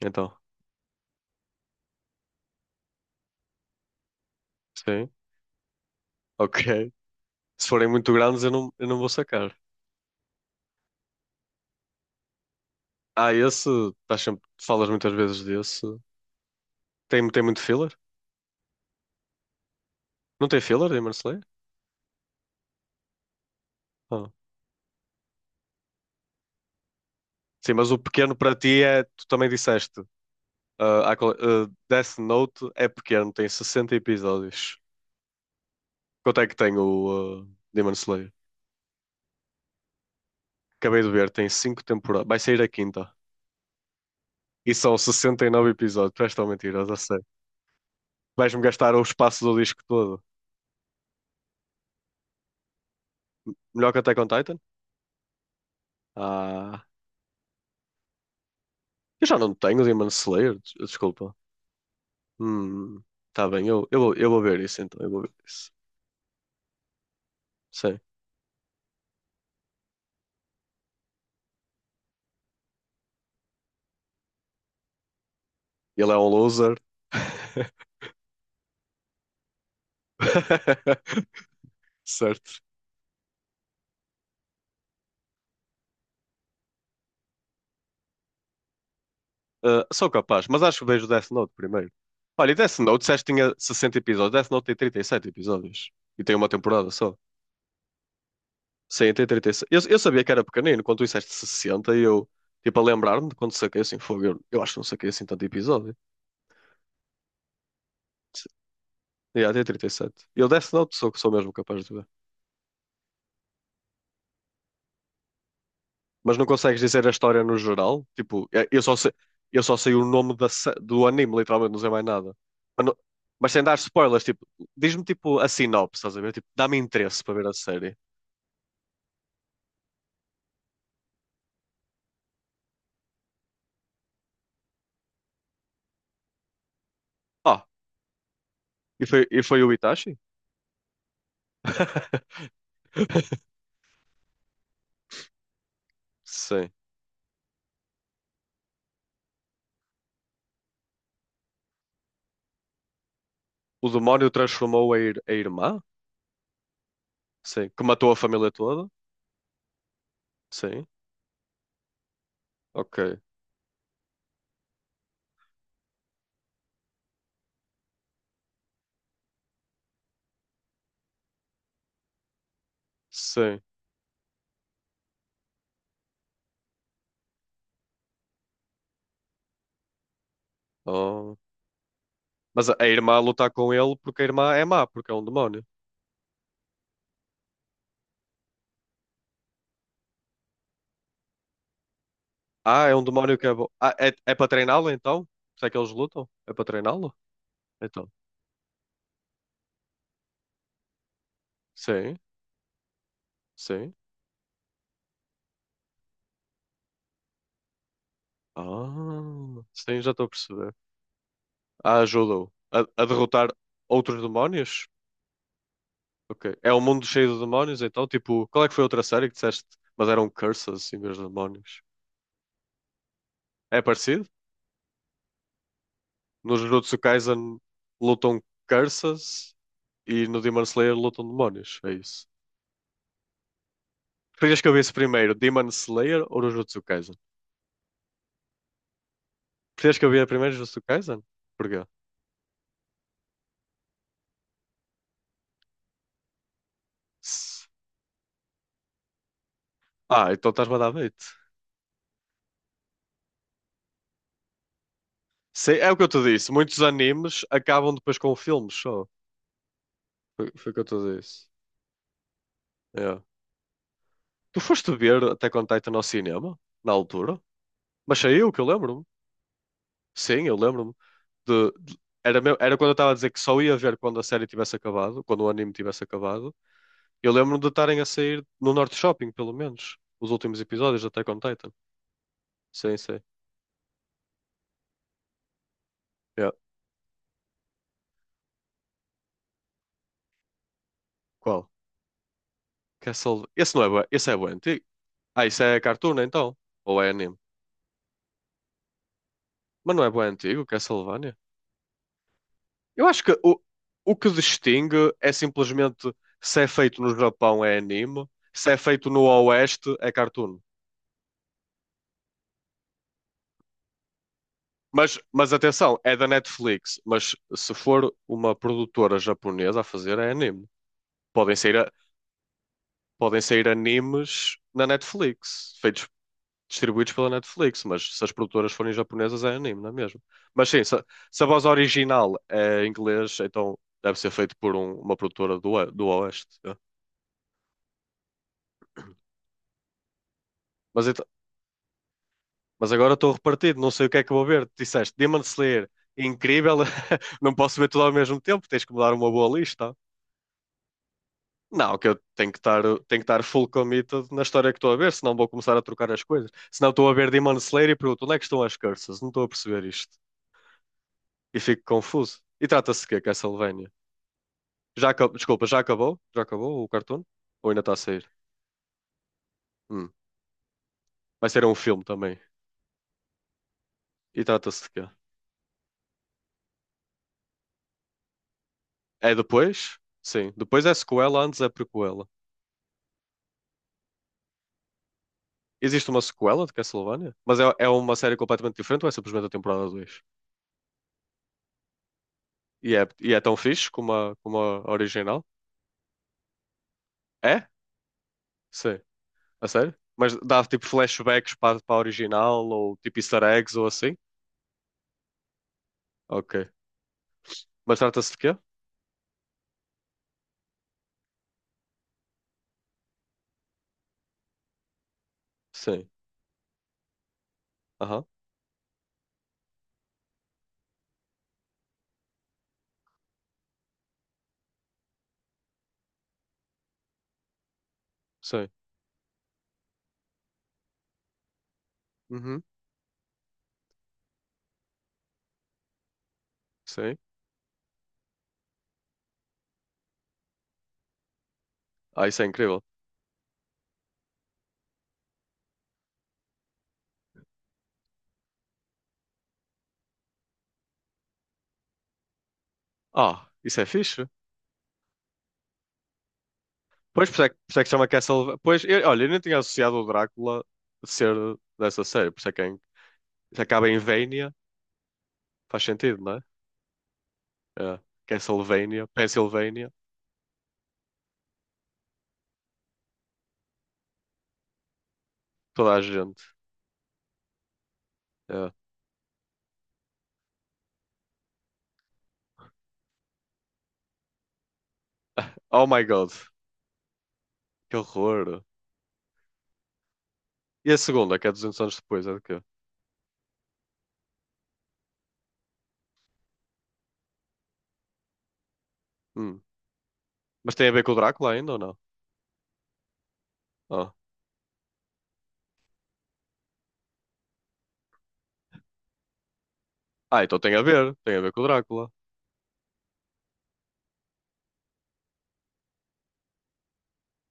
Então, sim, ok. Se forem muito grandes, eu não vou sacar. Ah, esse, estás sempre, falas muitas vezes desse. Tem muito filler? Não tem filler em Marseille? Ah. Sim, mas o pequeno para ti é, tu também disseste, ah, Death Note é pequeno, tem 60 episódios. Quanto é que tem o Demon Slayer? Acabei de ver, tem 5 temporadas, vai sair a quinta. E são 69 episódios, tu és tão mentiroso, eu sei. Vais-me gastar o espaço do disco todo. Melhor que Attack on Titan? Ah. Eu já não tenho o desculpa. Hum, tá bem, eu vou ver isso então, eu vou ver isso. Sim, ele é um loser. Certo. Ah, sou capaz, mas acho que vejo Death Note primeiro. Olha, e Death Note, disseste que tinha 60 episódios, Death Note tem 37 episódios. E tem uma temporada só. Sim, tem 37. Eu sabia que era pequenino, quando tu disseste 60, e eu, tipo, a lembrar-me de quando saquei assim, fogo, eu acho que não saquei assim tanto episódio. E yeah, tem 37. E sete. E o Death Note sou mesmo capaz de ver. Mas não consegues dizer a história no geral? Tipo, eu só sei, eu só sei o nome da do anime, literalmente, não sei mais nada. Mas, não- mas sem dar spoilers, tipo, diz-me tipo a sinopse, estás a ver? Tipo, dá-me interesse para ver a série. Ah, e e foi o Itachi? Sim. O demónio transformou a, a irmã? Sim. Que matou a família toda? Sim. Ok. Sim. Oh. Mas a irmã lutar com ele porque a irmã é má, porque é um demónio. Ah, é um demónio que é bom. Ah, é para treiná-lo então? Será que eles lutam? É para treiná-lo? Então. Sim, sim. Ah, sim, já estou a perceber. Ah, ajuda-o a derrotar outros demónios? Ok. É um mundo cheio de demónios então? Tipo, qual é que foi a outra série que disseste? Mas eram curses em vez de demónios. É parecido? No Jujutsu Kaisen lutam curses e no Demon Slayer lutam demónios. É isso. Preferias que eu visse primeiro Demon Slayer ou Jujutsu Kaisen? Preferias que eu visse primeiro Jujutsu Kaisen? Porquê? Ah, então estás-me a dar bait. Sei, é o que eu te disse. Muitos animes acabam depois com filmes só. Foi, foi o que eu te disse. É. Tu foste ver Attack on Titan ao cinema, na altura? Mas saiu, que eu lembro-me. Sim, eu lembro-me. De, de- era, meu, era quando eu estava a dizer que só ia ver quando a série tivesse acabado, quando o anime tivesse acabado. Eu lembro-me de estarem a sair no Norte Shopping, pelo menos, os últimos episódios de Attack on Titan. Sim, sim. É. Qual? Castle... Esse não é bué. Esse é bué antigo. Ah, isso é cartoon, então? Ou é anime? Mas não é bem antigo, Castlevania? Eu acho que o que distingue é simplesmente se é feito no Japão é anime, se é feito no Oeste é cartoon. Mas atenção, é da Netflix, mas se for uma produtora japonesa a fazer é anime. Podem sair, a- podem sair animes na Netflix, feitos, distribuídos pela Netflix, mas se as produtoras forem japonesas é anime, não é mesmo? Mas sim, se, se a voz original é inglês, então deve ser feito por uma produtora do, do Oeste. É. Mas, então- mas agora estou repartido, não sei o que é que vou ver. Tu disseste Demon Slayer, incrível, não posso ver tudo ao mesmo tempo, tens que me dar uma boa lista. Não, que eu tenho que estar full committed na história que estou a ver, senão vou começar a trocar as coisas. Senão estou a ver Demon Slayer e pergunto onde é que estão as curses? Não estou a perceber isto. E fico confuso. E trata-se de quê, Castlevania? Desculpa, já acabou? Já acabou o cartoon? Ou ainda está a sair? Hum. Vai ser um filme também. E trata-se de quê? É depois? Sim, depois é sequela, antes é prequela. Existe uma sequela de Castlevania? Mas é uma série completamente diferente ou é simplesmente a temporada 2? E e é tão fixe como a, como a original? É? Sim. A sério? Mas dá tipo flashbacks para, para a original ou tipo easter eggs ou assim? Ok. Mas trata-se de quê? Sim. Aham. Sim. Uhum. Sim. Ah, isso é incrível. Ah, isso é fixe. Pois, por isso é que chama Castlevania. Pois, eu- olha, eu nem tinha associado o Drácula a ser dessa série. Por isso é que é, se acaba em Vania, faz sentido, não é? É. Castlevania, Pennsylvania, toda a gente. É. Oh my God, que horror. E a segunda, que é 200 anos depois, é de quê? Hum. Mas tem a ver com o Drácula ainda ou não? Ah. Ah, então tem a ver com o Drácula.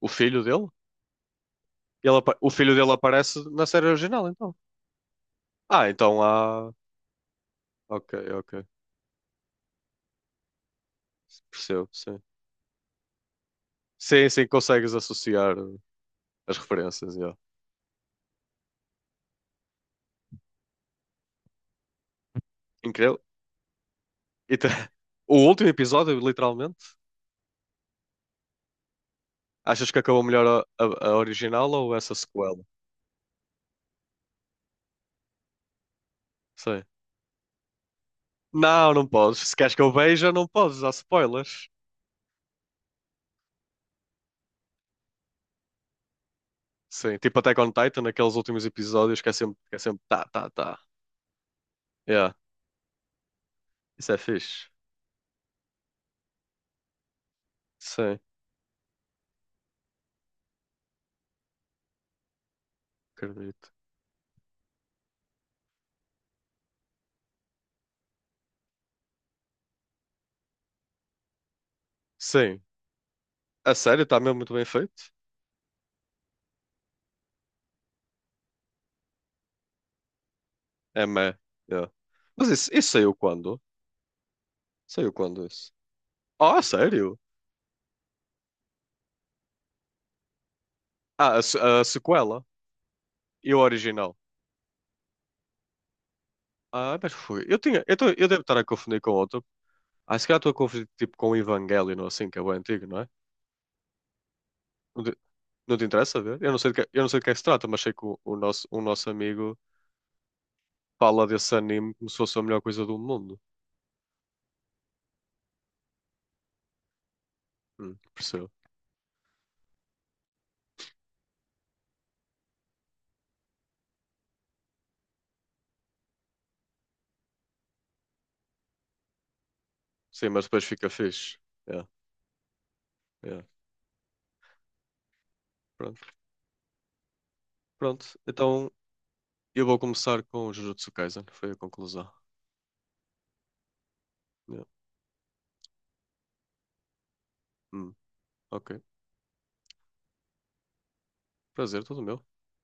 O filho dele? O filho dele aparece na série original, então. Ah, então há. Ok, ok. Percebo, sim. Sim, sim, consegues associar as referências, yeah. Incrível. E te- o último episódio, literalmente, achas que acabou melhor a original ou essa sequela? Sim. Não, não podes. Se queres que eu veja, não podes usar spoilers. Sim, tipo até on Titan, naqueles últimos episódios que que é sempre tá, tá, tá. Yeah, isso é fixe. Sim, acredito. Sim, a sério, está mesmo muito bem feito. É meh. Yeah. Mas isso saiu quando? Saiu quando isso? Oh, a sério? Ah, a, se- a sequela e o original. Ah, mas foi. Eu tinha, eu, tô- eu devo estar a confundir com outro. Ah, se calhar estou a confundir tipo com o Evangelion, ou assim, que é o antigo, não é? Não te interessa ver? Eu não sei de que é que se trata, mas sei que o nosso, um nosso amigo fala desse anime como se fosse a melhor coisa do mundo. Percebo. Sim, mas depois fica fixe. É, é. Pronto. Pronto. Então eu vou começar com o Jujutsu Kaisen. Foi a conclusão. É. Hum, ok. Prazer, tudo meu.